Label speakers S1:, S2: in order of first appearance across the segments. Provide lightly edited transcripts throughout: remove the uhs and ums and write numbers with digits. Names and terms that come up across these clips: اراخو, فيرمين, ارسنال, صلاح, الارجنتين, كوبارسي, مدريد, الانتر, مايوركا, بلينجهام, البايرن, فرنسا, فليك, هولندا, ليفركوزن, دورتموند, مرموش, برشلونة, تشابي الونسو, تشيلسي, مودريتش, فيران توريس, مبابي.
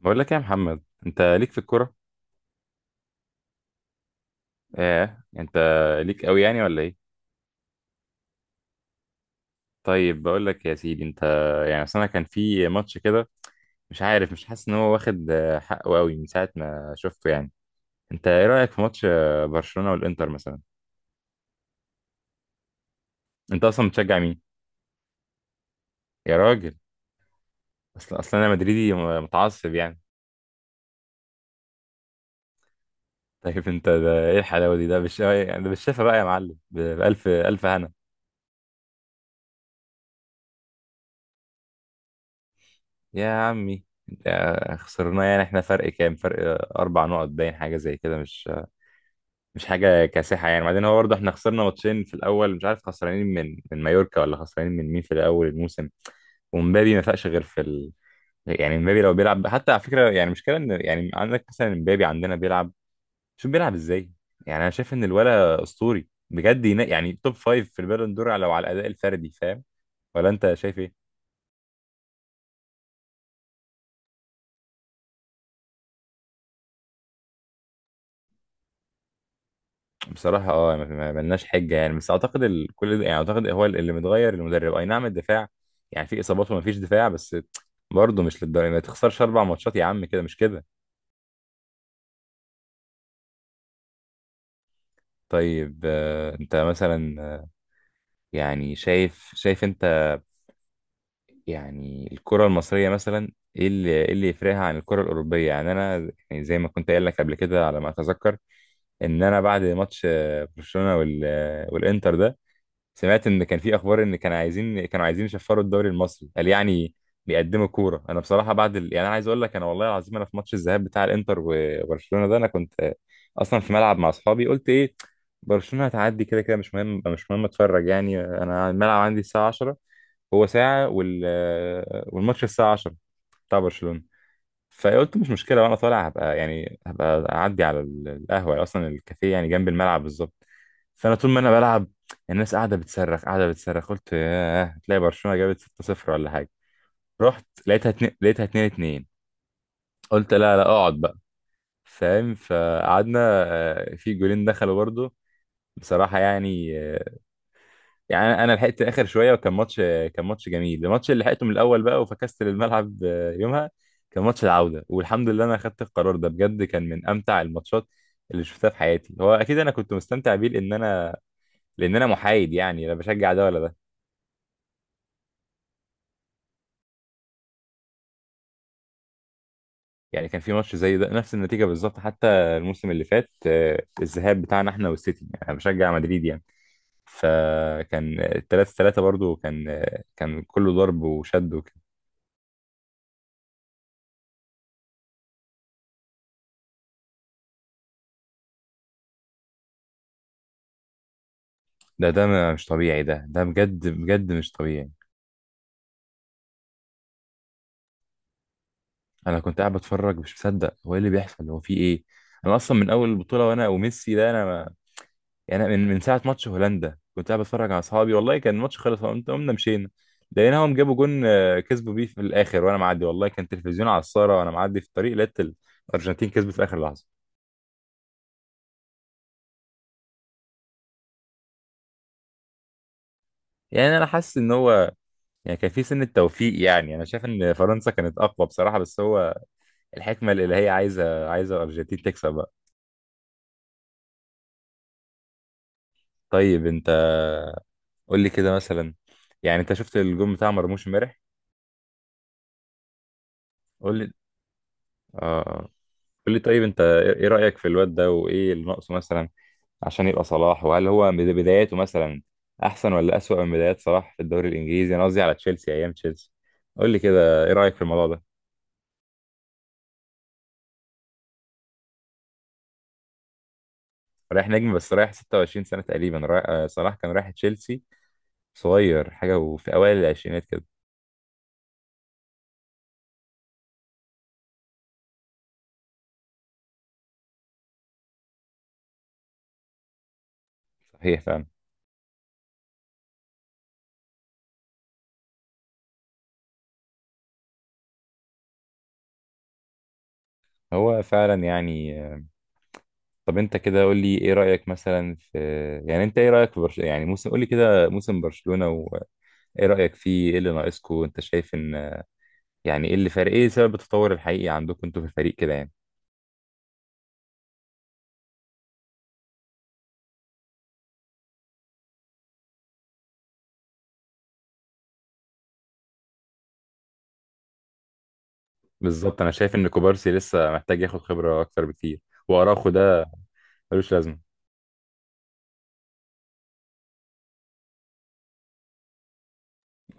S1: بقول لك إيه يا محمد، انت ليك في الكوره؟ ايه، انت ليك قوي يعني ولا ايه؟ طيب بقول لك يا سيدي انت، يعني اصل انا كان في ماتش كده، مش عارف، مش حاسس ان هو واخد حقه قوي من ساعه ما شفته يعني. انت ايه رايك في ماتش برشلونه والانتر مثلا؟ انت اصلا بتشجع مين؟ يا راجل. اصلا انا مدريدي متعصب يعني. طيب انت ده ايه الحلاوه دي؟ ده يعني ده بالشفا بقى يا معلم، بالف الف هنا. يا عمي. خسرناه يعني، احنا فرق كام فرق؟ 4 نقط، باين حاجه زي كده، مش حاجه كاسحه يعني. بعدين هو برضه احنا خسرنا ماتشين في الاول، مش عارف خسرانين من مايوركا ولا خسرانين من مين في الاول الموسم. ومبابي ما فاقش غير في يعني مبابي لو بيلعب، حتى على فكره يعني، مشكله ان يعني عندك مثلا مبابي عندنا بيلعب. شوف بيلعب ازاي. يعني انا شايف ان الولا اسطوري بجد، يعني توب فايف في البالون دور لو على الاداء الفردي، فاهم؟ ولا انت شايف ايه؟ بصراحة اه، ما ملناش حجة يعني، بس اعتقد كل ده، يعني اعتقد هو اللي متغير، المدرب اي نعم، الدفاع يعني، في اصابات وما فيش دفاع، بس برضه مش للدرجة ما تخسرش 4 ماتشات يا عم، كده مش كده. طيب انت مثلا يعني شايف انت، يعني الكرة المصرية مثلا، ايه اللي يفرقها عن الكرة الأوروبية؟ يعني انا يعني زي ما كنت قايل لك قبل كده على ما اتذكر، ان انا بعد ماتش برشلونة والانتر ده، سمعت ان كان في اخبار ان كانوا عايزين كانوا عايزين يشفروا الدوري المصري قال يعني. بيقدموا كوره. انا بصراحه بعد يعني انا عايز اقول لك، انا والله العظيم انا في ماتش الذهاب بتاع الانتر وبرشلونه ده، انا كنت اصلا في ملعب مع اصحابي، قلت ايه، برشلونه هتعدي كده كده، مش مهم، مش مهم، اتفرج يعني، انا الملعب عندي الساعه 10، هو ساعه والماتش الساعه 10 بتاع برشلونه. فقلت مش مشكله، وانا طالع هبقى، يعني هبقى اعدي على القهوه، اصلا الكافيه يعني جنب الملعب بالظبط. فانا طول ما انا بلعب، الناس قاعده بتصرخ قاعده بتصرخ، قلت ياه تلاقي برشلونه جابت 6-0 ولا حاجه. رحت لقيتها اتنين، لقيتها 2-2. قلت لا لا اقعد بقى، فاهم، فقعدنا. في جولين دخلوا برضه، بصراحه يعني. يعني انا لحقت اخر شويه، وكان ماتش، كان ماتش جميل، الماتش اللي لحقته من الاول بقى، وفكست للملعب يومها، كان ماتش العوده، والحمد لله انا اخدت القرار ده بجد، كان من امتع الماتشات اللي شفتها في حياتي، هو اكيد انا كنت مستمتع بيه لان انا، لان انا محايد يعني، لا بشجع ده ولا ده. يعني كان في ماتش زي ده نفس النتيجه بالظبط، حتى الموسم اللي فات الذهاب بتاعنا، احنا والسيتي، يعني انا بشجع مدريد يعني، فكان 3-3 برضو، كان كان كله ضرب وشد وكده. ده ده مش طبيعي، ده ده بجد بجد مش طبيعي. انا كنت قاعد بتفرج مش مصدق، هو ايه اللي بيحصل، هو في ايه. انا اصلا من اول البطوله وانا وميسي ده، انا ما... يعني أنا من ساعه ماتش هولندا كنت قاعد بتفرج على اصحابي، والله كان الماتش خلص، قمت قمنا مشينا، لقيناهم جابوا جون كسبوا بيه في الاخر، وانا معدي، والله كان تلفزيون على الساره وانا معدي في الطريق، لقيت الارجنتين كسبت في اخر لحظه. يعني انا حاسس ان هو يعني كان في سن التوفيق، يعني انا شايف ان فرنسا كانت اقوى بصراحه، بس هو الحكمه الالهيه عايزه الارجنتين تكسب بقى. طيب انت، قول لي كده مثلا، يعني انت شفت الجون بتاع مرموش امبارح؟ قول لي اه. قول لي، طيب انت ايه إيه رأيك في الواد ده، وايه اللي ناقصه مثلا عشان يبقى صلاح؟ وهل هو بداياته مثلا احسن ولا أسوأ من بدايات صلاح في الدوري الانجليزي؟ انا قصدي على تشيلسي، ايام تشيلسي. قول لي كده ايه رأيك في الموضوع ده. رايح نجم، بس رايح 26 سنة تقريبا، رايح صلاح كان رايح تشيلسي صغير حاجة، وفي اوائل العشرينات كده. صحيح فعلا. هو فعلا يعني طب انت كده قول لي ايه رأيك مثلا في، يعني انت ايه رأيك في برشلونة، يعني موسم، قول لي كده موسم برشلونة، ايه رأيك فيه، ايه اللي ناقصكم؟ انت شايف ان يعني ايه اللي فارق، ايه سبب التطور الحقيقي عندكم انتوا في الفريق كده يعني. بالظبط، انا شايف ان كوبارسي لسه محتاج ياخد خبرة اكتر بكتير. واراخو ده ملوش لازمه.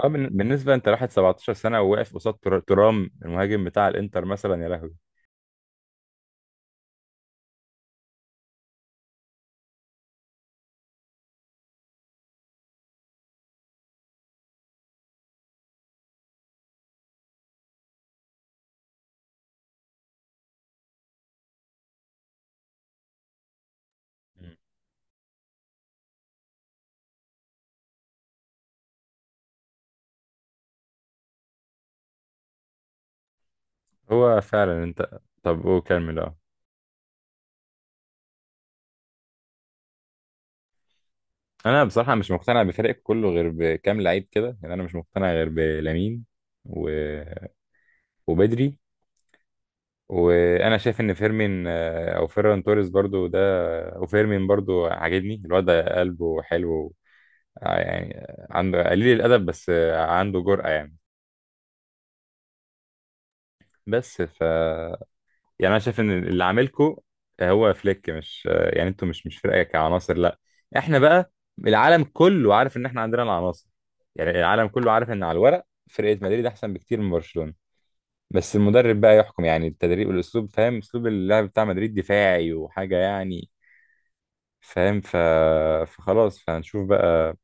S1: اه بالنسبة انت راحت 17 سنة وواقف قصاد ترام المهاجم بتاع الانتر مثلا، يا لهوي. مم. هو فعلا انت. طب وكمل اه. انا بصراحة مش مقتنع بفريق كله غير بكام لعيب كده، يعني انا مش مقتنع غير بلامين و... وبدري، وانا شايف ان فيرمين او فيران توريس برضو ده. وفيرمين برضو عاجبني الواد ده، قلبه حلو، يعني عنده قليل الادب، بس عنده جرأة يعني. بس ف، يعني انا شايف ان اللي عاملكو هو فليك، مش يعني انتوا مش فرقة كعناصر، لا. احنا بقى، العالم كله عارف ان احنا عندنا العناصر. يعني العالم كله عارف ان على الورق فرقة مدريد احسن بكتير من برشلونة، بس المدرب بقى يحكم يعني، التدريب والاسلوب، فاهم؟ اسلوب اللعب بتاع مدريد دفاعي وحاجه يعني، فاهم؟ فخلاص، فهنشوف بقى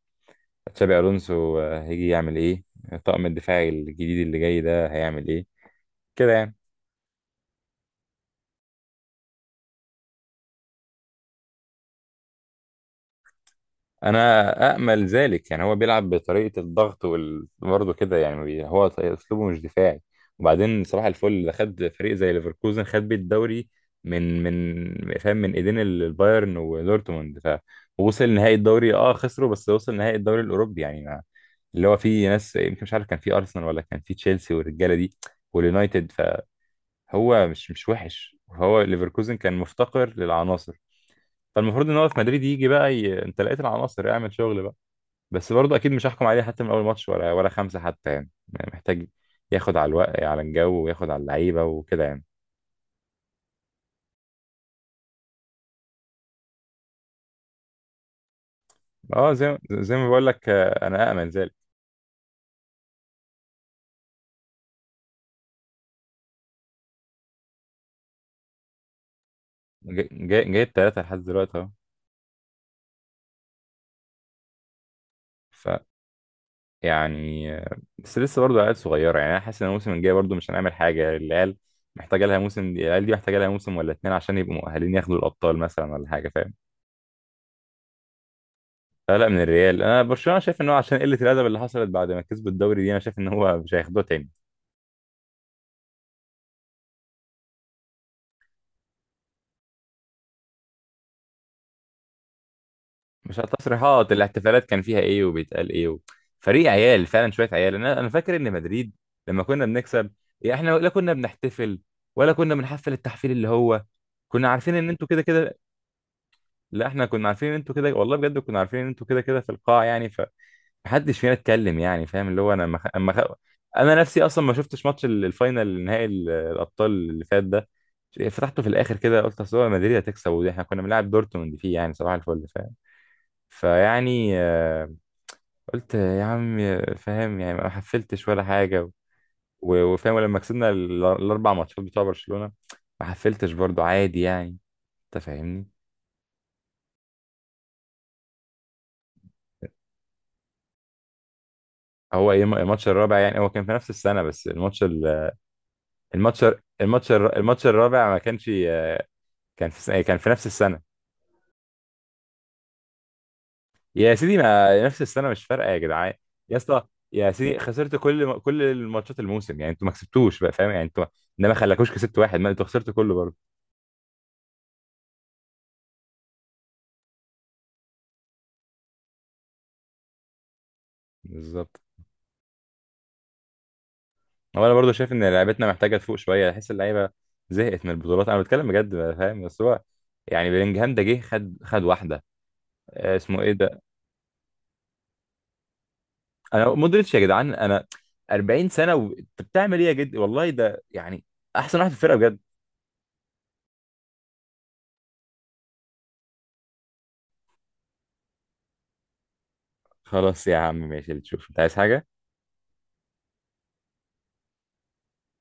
S1: تشابي الونسو هيجي يعمل ايه، الطاقم الدفاعي الجديد اللي جاي ده هيعمل ايه، كده يعني. انا امل ذلك يعني. هو بيلعب بطريقه الضغط برضه كده يعني، هو اسلوبه مش دفاعي. وبعدين صباح الفل ده خد فريق زي ليفركوزن، خد بيه الدوري من فاهم، من ايدين البايرن ودورتموند ف، ووصل نهائي الدوري، اه خسروا بس وصل نهائي الدوري الاوروبي يعني ما... اللي هو فيه ناس، يمكن مش عارف، كان فيه ارسنال ولا كان فيه تشيلسي والرجاله دي واليونايتد. فهو مش وحش، هو ليفركوزن كان مفتقر للعناصر. فالمفروض ان هو في مدريد يجي بقى انت لقيت العناصر، اعمل شغل بقى. بس برضه اكيد مش هحكم عليه حتى من اول ماتش، ولا خمسه حتى يعني. يعني محتاج ياخد على الوقت، على الجو، وياخد على اللعيبه وكده يعني. اه زي ما بقول لك، انا امل ذلك. جايب ثلاثه لحد دلوقتي اهو. ف، يعني بس لسه برضه عيال صغيره، يعني انا حاسس ان الموسم الجاي برضه مش هنعمل حاجه. العيال محتاجه لها موسم، العيال دي محتاجه لها موسم ولا اتنين عشان يبقوا مؤهلين ياخدوا الابطال مثلا ولا حاجه، فاهم؟ لا لا، من الريال. انا برشلونه شايف ان هو عشان قله الادب اللي حصلت بعد ما كسبوا الدوري دي، انا شايف ان هو مش هياخدوه تاني. مش على التصريحات، الاحتفالات كان فيها ايه وبيتقال ايه و... فريق عيال فعلا، شويه عيال. انا فاكر ان مدريد لما كنا بنكسب، يعني احنا لا كنا بنحتفل ولا كنا بنحفل التحفيل اللي هو، كنا عارفين ان انتوا كده كده. لا احنا كنا عارفين ان انتوا كده، والله بجد كنا عارفين ان انتوا كده كده في القاع يعني، فمحدش فينا اتكلم يعني، فاهم، اللي هو انا انا نفسي اصلا ما شفتش ماتش الفاينل، نهائي الابطال اللي فات ده، فتحته في الاخر كده، قلت اصل هو مدريد هتكسب، ودي احنا كنا بنلعب دورتموند فيه يعني، صباح الفل فاهم. فيعني قلت يا عم. فاهم، يعني ما حفلتش ولا حاجة. وفاهم، ولما كسبنا ال4 ماتشات بتوع برشلونة ما حفلتش برضو، عادي يعني. أنت فاهمني. هو إيه الماتش الرابع يعني، هو كان في نفس السنة، بس الماتش الماتش الرابع ما كانش كان في سنة، كان في نفس السنة. يا سيدي، ما نفس السنة مش فارقة يا جدعان. يا اسطى، يا سيدي خسرت كل الماتشات الموسم يعني انتوا ما كسبتوش بقى، فاهم، يعني انتوا ده ما خلاكوش كسبت واحد، ما انتوا خسرتوا كله برضه. بالظبط. هو انا برضو شايف ان لعبتنا محتاجه تفوق شويه، احس اللعيبه زهقت من البطولات، انا بتكلم بجد بقى، فاهم؟ بس هو يعني بلينجهام ده جه خد واحده اسمه ايه ده. انا مودريتش يا جدعان، انا 40 سنه وانت بتعمل ايه يا جد، والله ده يعني احسن واحد في الفرقه بجد. خلاص يا عم، ماشي اللي تشوف، انت عايز حاجه.